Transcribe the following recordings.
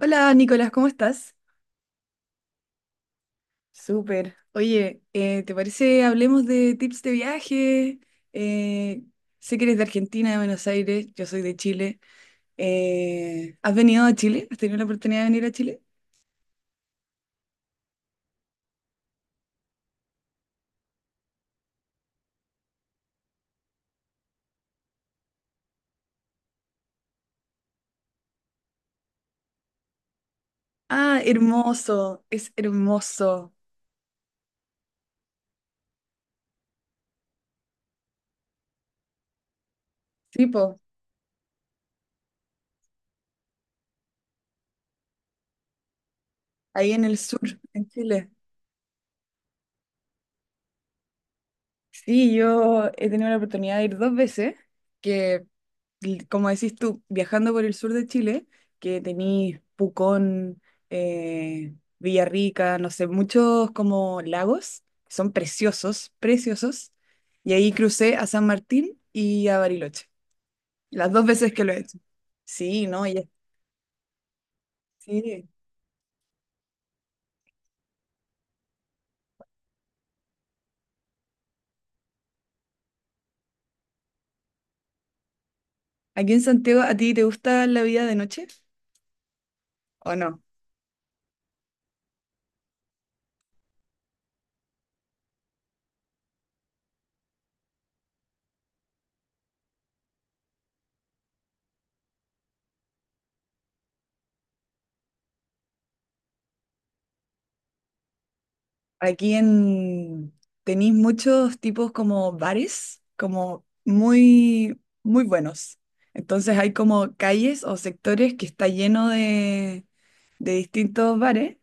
Hola Nicolás, ¿cómo estás? Súper. Oye, ¿te parece hablemos de tips de viaje? Eh, sé que eres de Argentina, de Buenos Aires, yo soy de Chile. ¿Has venido a Chile? ¿Has tenido la oportunidad de venir a Chile? Ah, hermoso, es hermoso. Tipo, ahí en el sur, en Chile. Sí, yo he tenido la oportunidad de ir dos veces, que l- como decís tú, viajando por el sur de Chile, que tenís Pucón, Villarrica, no sé, muchos como lagos, que son preciosos, preciosos, y ahí crucé a San Martín y a Bariloche, las dos veces que lo he hecho. Sí, no, ya, sí. ¿Aquí en Santiago a ti te gusta la vida de noche o no? Aquí en tenéis muchos tipos como bares, como muy, muy buenos. Entonces hay como calles o sectores que está lleno de distintos bares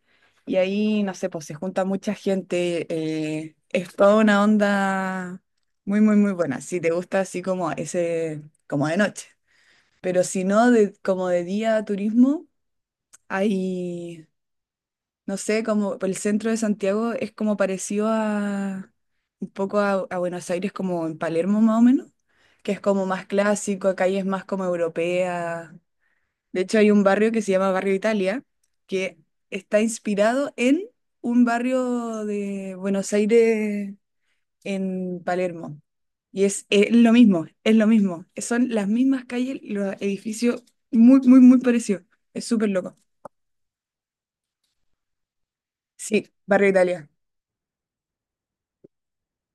y ahí, no sé, pues se junta mucha gente. Es toda una onda muy, muy, muy buena. Si te gusta así como ese, como de noche. Pero si no, de, como de día turismo, hay, no sé, como el centro de Santiago es como parecido a un poco a Buenos Aires como en Palermo más o menos, que es como más clásico, acá y es más como europea. De hecho hay un barrio que se llama Barrio Italia, que está inspirado en un barrio de Buenos Aires en Palermo. Y es lo mismo, es lo mismo. Son las mismas calles, los edificios muy, muy, muy parecidos. Es súper loco. Sí, Barrio Italia.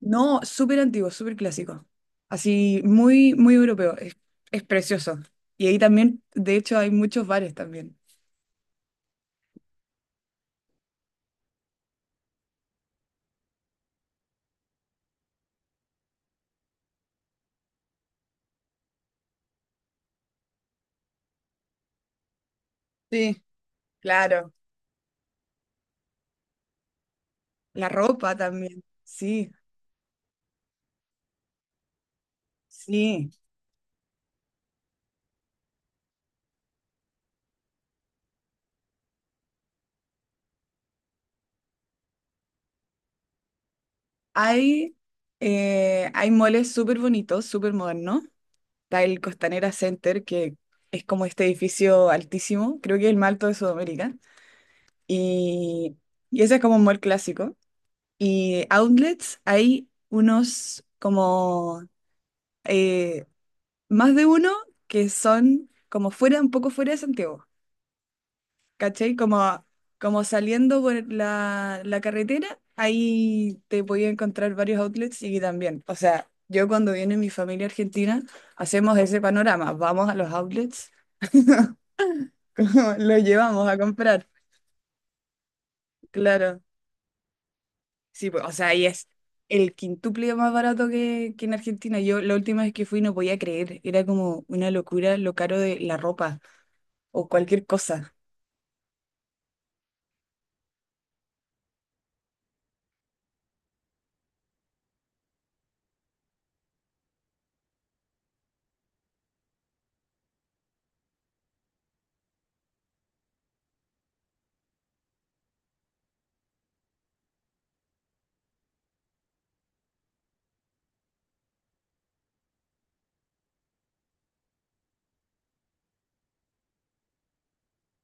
No, súper antiguo, súper clásico. Así, muy, muy europeo. Es precioso. Y ahí también, de hecho, hay muchos bares también. Sí, claro. La ropa también. Sí, sí. Hay, hay moles súper bonitos, súper modernos. Está el Costanera Center, que es como este edificio altísimo. Creo que es el más alto de Sudamérica. Y, y ese es como un mall clásico. Y outlets, hay unos como... eh, más de uno que son como fuera, un poco fuera de Santiago, ¿cachai? Como, como saliendo por la, la carretera, ahí te podía encontrar varios outlets y también, o sea, yo cuando viene mi familia argentina, hacemos ese panorama, vamos a los outlets, como los llevamos a comprar, claro. Sí, pues, o sea, ahí es el quintuple más barato que en Argentina. Yo la última vez que fui no podía creer, era como una locura lo caro de la ropa o cualquier cosa.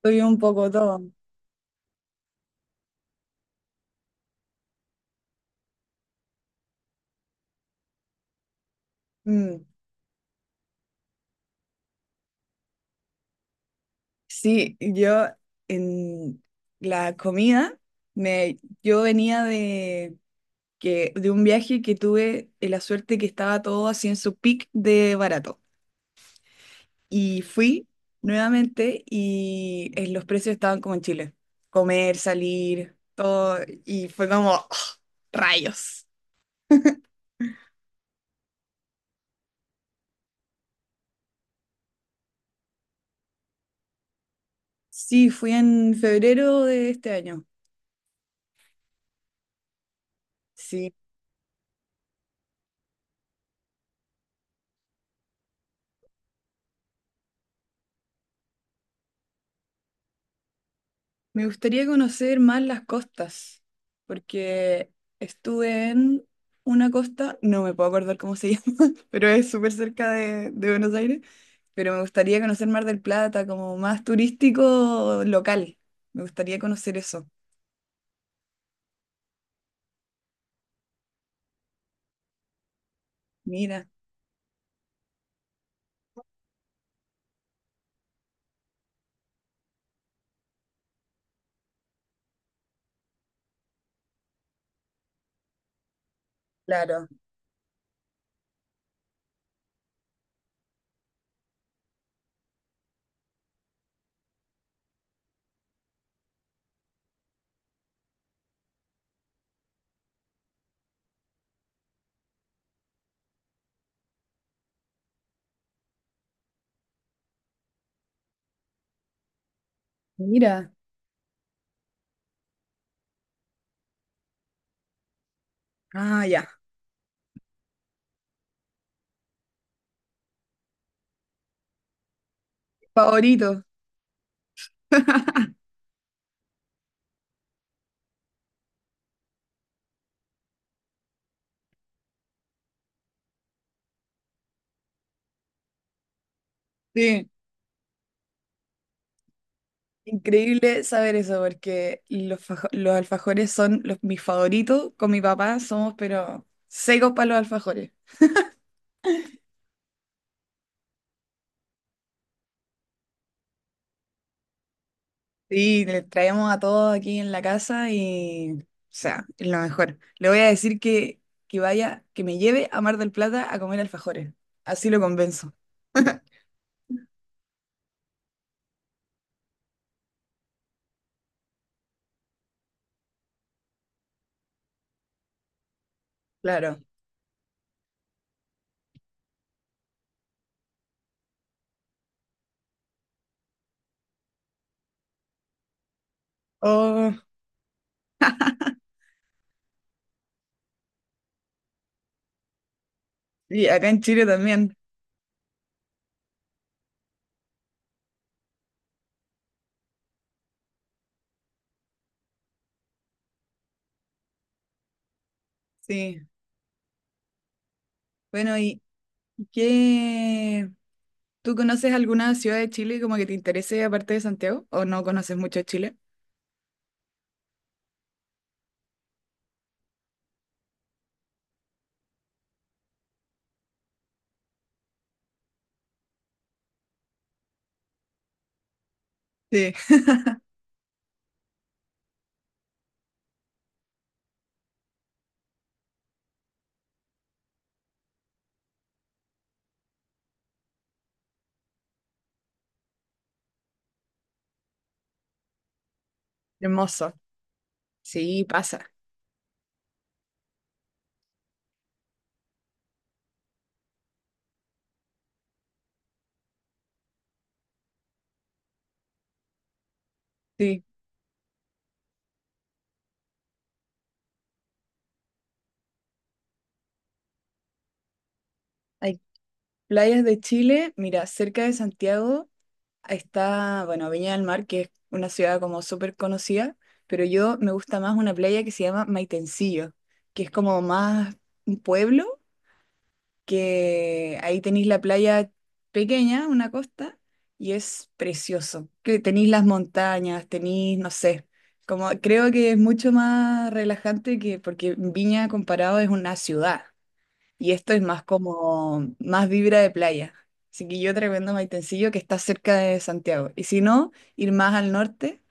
Soy un poco todo. Mm, sí, yo en la comida, me, yo venía de, que, de un viaje que tuve la suerte que estaba todo así en su peak de barato. Y fui nuevamente y los precios estaban como en Chile. Comer, salir, todo. Y fue como, ¡oh, rayos! Sí, fui en febrero de este año. Sí. Me gustaría conocer más las costas, porque estuve en una costa, no me puedo acordar cómo se llama, pero es súper cerca de Buenos Aires, pero me gustaría conocer Mar del Plata como más turístico local. Me gustaría conocer eso. Mira, claro. Mira. Ah, ya. Favorito. Sí, increíble saber eso, porque los, fajo- los alfajores son los, mis favoritos. Con mi papá somos, pero secos para los alfajores. Sí, le traemos a todos aquí en la casa y, o sea, es lo mejor. Le voy a decir que vaya, que me lleve a Mar del Plata a comer alfajores. Así lo convenzo. Claro. Oh, y acá en Chile también. Sí. Bueno, ¿y qué? ¿Tú conoces alguna ciudad de Chile como que te interese aparte de Santiago? ¿O no conoces mucho de Chile? Sí. Hermoso. Sí, pasa. Sí. Hay playas de Chile. Mira, cerca de Santiago. Está, bueno, Viña del Mar, que es una ciudad como súper conocida, pero yo me gusta más una playa que se llama Maitencillo, que es como más un pueblo, que ahí tenéis la playa pequeña, una costa, y es precioso. Que tenéis las montañas, tenéis, no sé, como creo que es mucho más relajante que porque Viña comparado es una ciudad. Y esto es más como, más vibra de playa. Así que yo te recomiendo Maitencillo, que está cerca de Santiago. Y si no, ir más al norte,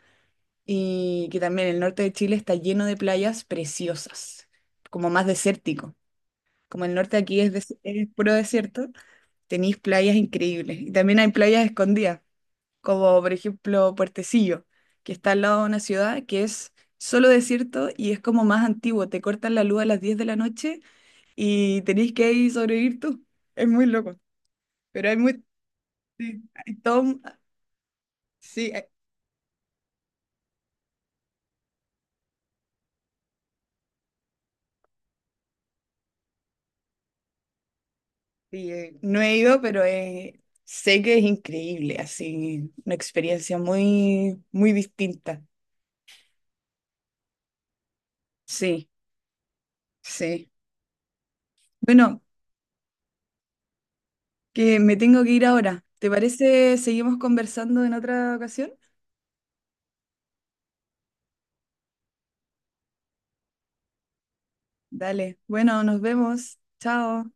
y que también el norte de Chile está lleno de playas preciosas, como más desértico. Como el norte aquí es, des- es puro desierto, tenéis playas increíbles. Y también hay playas escondidas, como por ejemplo Puertecillo, que está al lado de una ciudad que es solo desierto y es como más antiguo. Te cortan la luz a las 10 de la noche y tenéis que ahí sobrevivir tú. Es muy loco, pero hay muy... Sí, hay todo un- sí, hay- sí, no he ido, pero sé que es increíble, así, una experiencia muy, muy distinta. Sí, sí. Bueno, que me tengo que ir ahora. ¿Te parece seguimos conversando en otra ocasión? Dale, bueno, nos vemos. Chao.